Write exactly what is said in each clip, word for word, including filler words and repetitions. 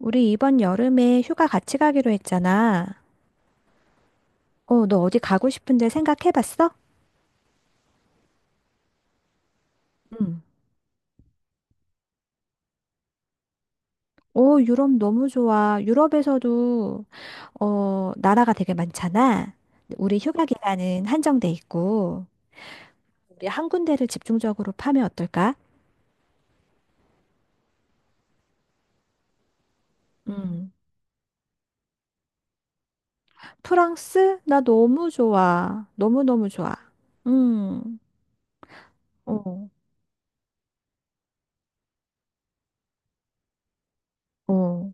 우리 이번 여름에 휴가 같이 가기로 했잖아. 어, 너 어디 가고 싶은데 생각해 봤어? 응. 오, 유럽 너무 좋아. 유럽에서도, 어, 나라가 되게 많잖아. 우리 휴가 기간은 한정돼 있고, 우리 한 군데를 집중적으로 파면 어떨까? 응. 프랑스? 나 너무 좋아. 너무너무 좋아. 음, 어, 어.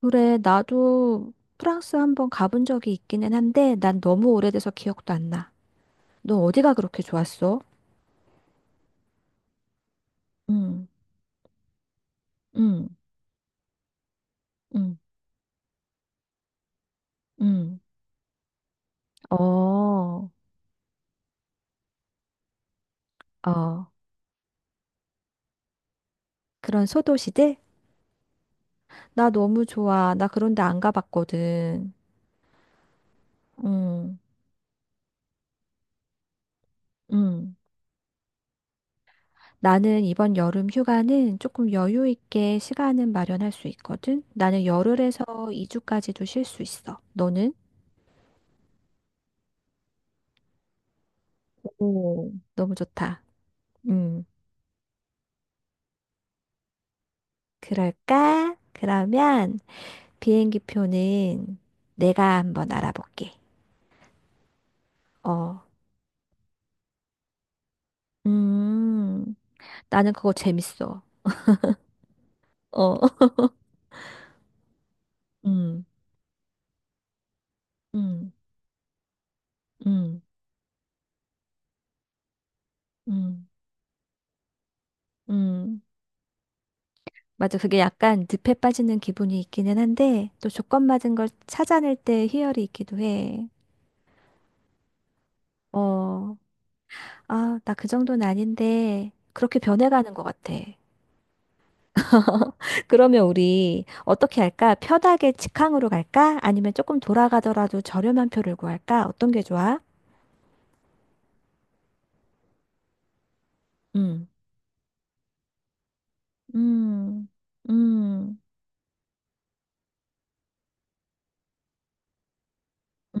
그래, 나도 프랑스 한번 가본 적이 있기는 한데, 난 너무 오래돼서 기억도 안 나. 너 어디가 그렇게 좋았어? 응, 응, 응, 응. 어, 어. 그런 소도시들? 나 너무 좋아. 나 그런 데 안 가봤거든. 응, 응. 나는 이번 여름 휴가는 조금 여유 있게 시간은 마련할 수 있거든. 나는 열흘에서 이 주까지도 쉴 수 있어. 너는? 오. 너무 좋다. 응. 그럴까? 그러면 비행기 표는 내가 한번 알아볼게. 어. 음. 나는 그거 재밌어. 어, 음, 음, 음, 음, 음. 맞아. 그게 약간 늪에 빠지는 기분이 있기는 한데, 또 조건 맞은 걸 찾아낼 때 희열이 있기도 해. 어, 아, 나 그 정도는 아닌데, 그렇게 변해가는 것 같아. 그러면 우리 어떻게 할까? 편하게 직항으로 갈까? 아니면 조금 돌아가더라도 저렴한 표를 구할까? 어떤 게 좋아? 음, 음, 음,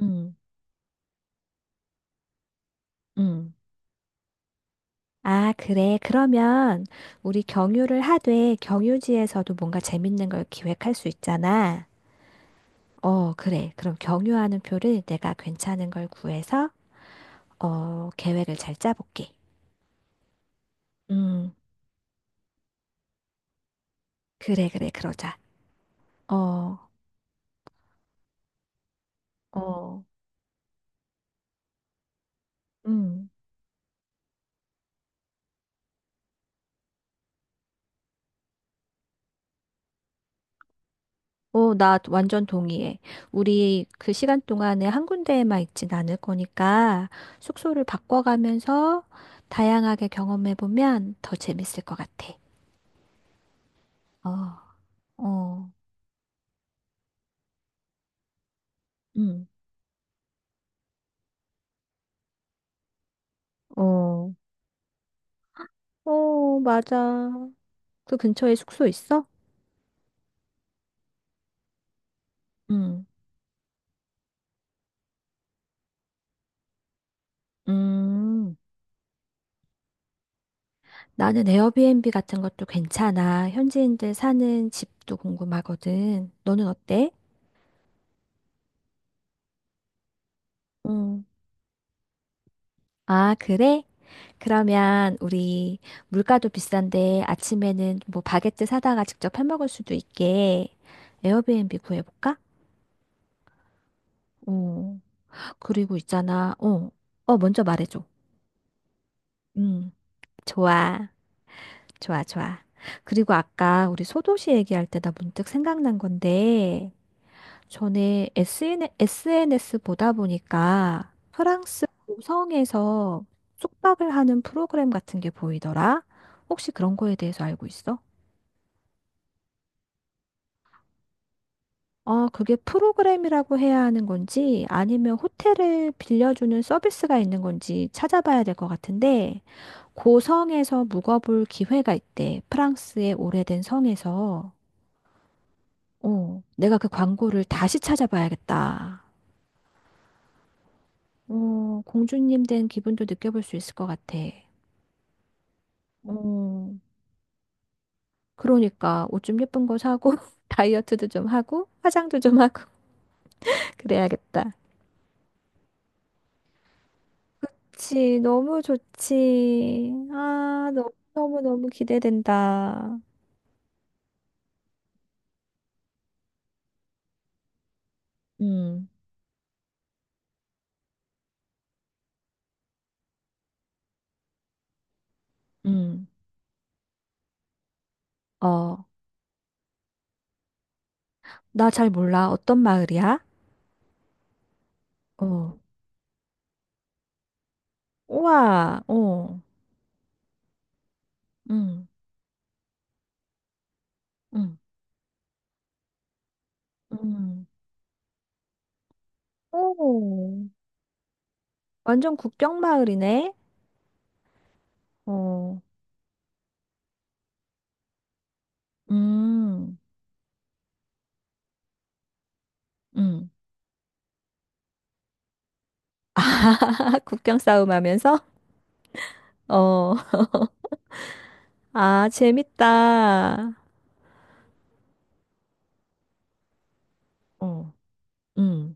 음, 음. 아, 그래. 그러면 우리 경유를 하되 경유지에서도 뭔가 재밌는 걸 기획할 수 있잖아. 어, 그래. 그럼 경유하는 표를 내가 괜찮은 걸 구해서 어, 계획을 잘 짜볼게. 음, 그래, 그래. 그러자. 어, 어, 음. 어, 나 완전 동의해. 우리 그 시간 동안에 한 군데에만 있진 않을 거니까 숙소를 바꿔가면서 다양하게 경험해보면 더 재밌을 것 같아. 어, 어. 음. 어, 어, 맞아. 그 근처에 숙소 있어? 응. 음, 나는 에어비앤비 같은 것도 괜찮아. 현지인들 사는 집도 궁금하거든. 너는 어때? 응. 아, 그래? 그러면 우리 물가도 비싼데 아침에는 뭐 바게트 사다가 직접 해 먹을 수도 있게 에어비앤비 구해볼까? 어, 그리고 있잖아. 어, 어, 먼저 말해줘. 음, 좋아. 좋아, 좋아. 그리고 아까 우리 소도시 얘기할 때나 문득 생각난 건데, 전에 에스 엔 에스 엔 에스 보다 보니까 프랑스 고성에서 숙박을 하는 프로그램 같은 게 보이더라. 혹시 그런 거에 대해서 알고 있어? 어, 그게 프로그램이라고 해야 하는 건지 아니면 호텔을 빌려주는 서비스가 있는 건지 찾아봐야 될 것 같은데, 고성에서 묵어볼 기회가 있대. 프랑스의 오래된 성에서. 어, 내가 그 광고를 다시 찾아봐야겠다. 어, 공주님 된 기분도 느껴볼 수 있을 것 같아. 어, 그러니까 옷 좀 예쁜 거 사고 다이어트도 좀 하고 화장도 좀 하고 그래야겠다. 그치, 너무 좋지. 아, 너무너무너무 기대된다. 음, 음. 어, 나 잘 몰라. 어떤 마을이야? 어. 우와, 어. 음, 음, 음. 오, 완전 국경 마을이네. 어, 음, 음. 아, 국경 싸움 하면서? 어, 아, 재밌다. 어, 음.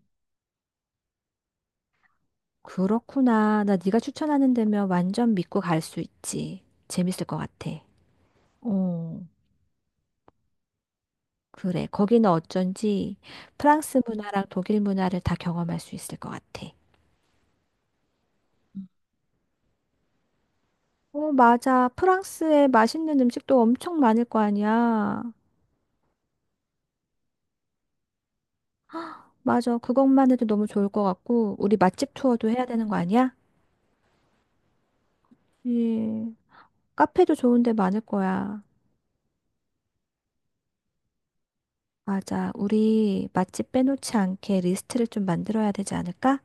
그렇구나. 나 네가 추천하는 데면 완전 믿고 갈 수 있지. 재밌을 것 같아. 어, 그래. 거기는 어쩐지 프랑스 문화랑 독일 문화를 다 경험할 수 있을 것 같아. 어, 맞아. 프랑스에 맛있는 음식도 엄청 많을 거 아니야. 맞아. 그것만 해도 너무 좋을 것 같고, 우리 맛집 투어도 해야 되는 거 아니야? 예. 카페도 좋은데 많을 거야. 맞아. 우리 맛집 빼놓지 않게 리스트를 좀 만들어야 되지 않을까?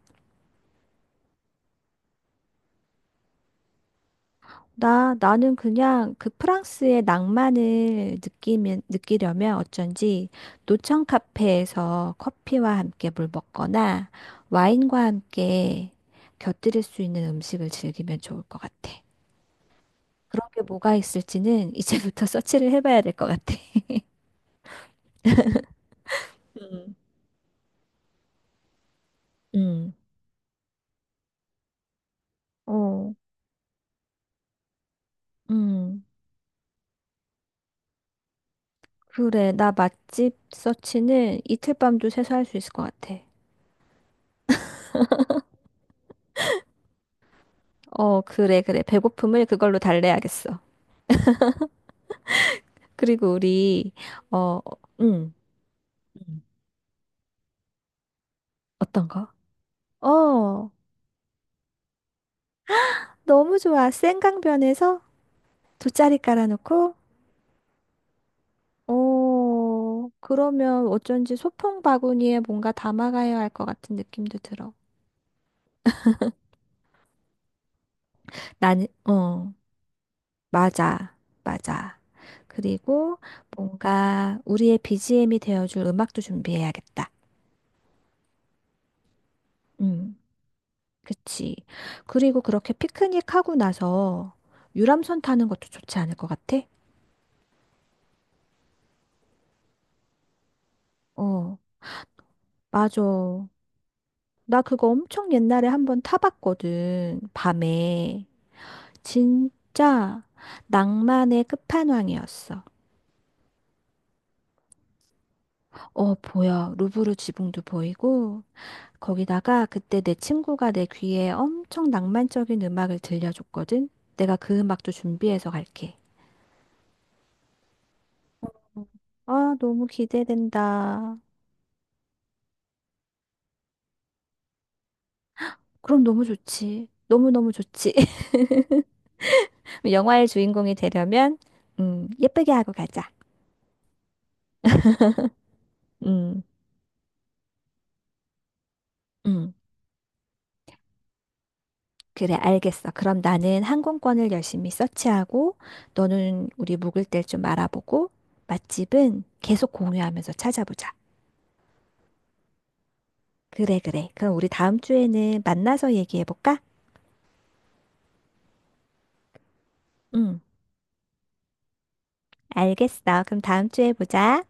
나, 나는 그냥 그 프랑스의 낭만을 느끼면, 느끼려면 어쩐지 노천 카페에서 커피와 함께 물 먹거나 와인과 함께 곁들일 수 있는 음식을 즐기면 좋을 것 같아. 그런 게 뭐가 있을지는 이제부터 서치를 해봐야 될 것 같아. 음. 음. 어. 음. 그래, 나 맛집 서치는 이틀 밤도 새서 할 수 있을 것 같아. 어, 그래, 그래. 배고픔을 그걸로 달래야겠어. 그리고 우리, 어, 음, 음. 어떤 거? 어, 너무 좋아. 센강변에서 돗자리 깔아놓고, 어, 그러면 어쩐지 소풍 바구니에 뭔가 담아가야 할 것 같은 느낌도 들어. 나는, 어, 맞아, 맞아. 그리고 뭔가 우리의 비 지 엠이 되어줄 음악도 준비해야겠다. 음, 그치. 그리고 그렇게 피크닉 하고 나서 유람선 타는 것도 좋지 않을 것 같아? 어, 맞아. 나 그거 엄청 옛날에 한번 타봤거든. 밤에. 진짜 낭만의 끝판왕이었어. 어, 보여. 루브르 지붕도 보이고, 거기다가 그때 내 친구가 내 귀에 엄청 낭만적인 음악을 들려줬거든. 내가 그 음악도 준비해서 갈게. 아, 너무 기대된다. 그럼 너무 좋지. 너무너무 좋지. 영화의 주인공이 되려면, 음, 예쁘게 하고 가자. 음, 음. 그래, 알겠어. 그럼 나는 항공권을 열심히 서치하고, 너는 우리 묵을 때 좀 알아보고, 맛집은 계속 공유하면서 찾아보자. 그래, 그래. 그럼 우리 다음 주에는 만나서 얘기해볼까? 응, 알겠어. 그럼 다음 주에 보자.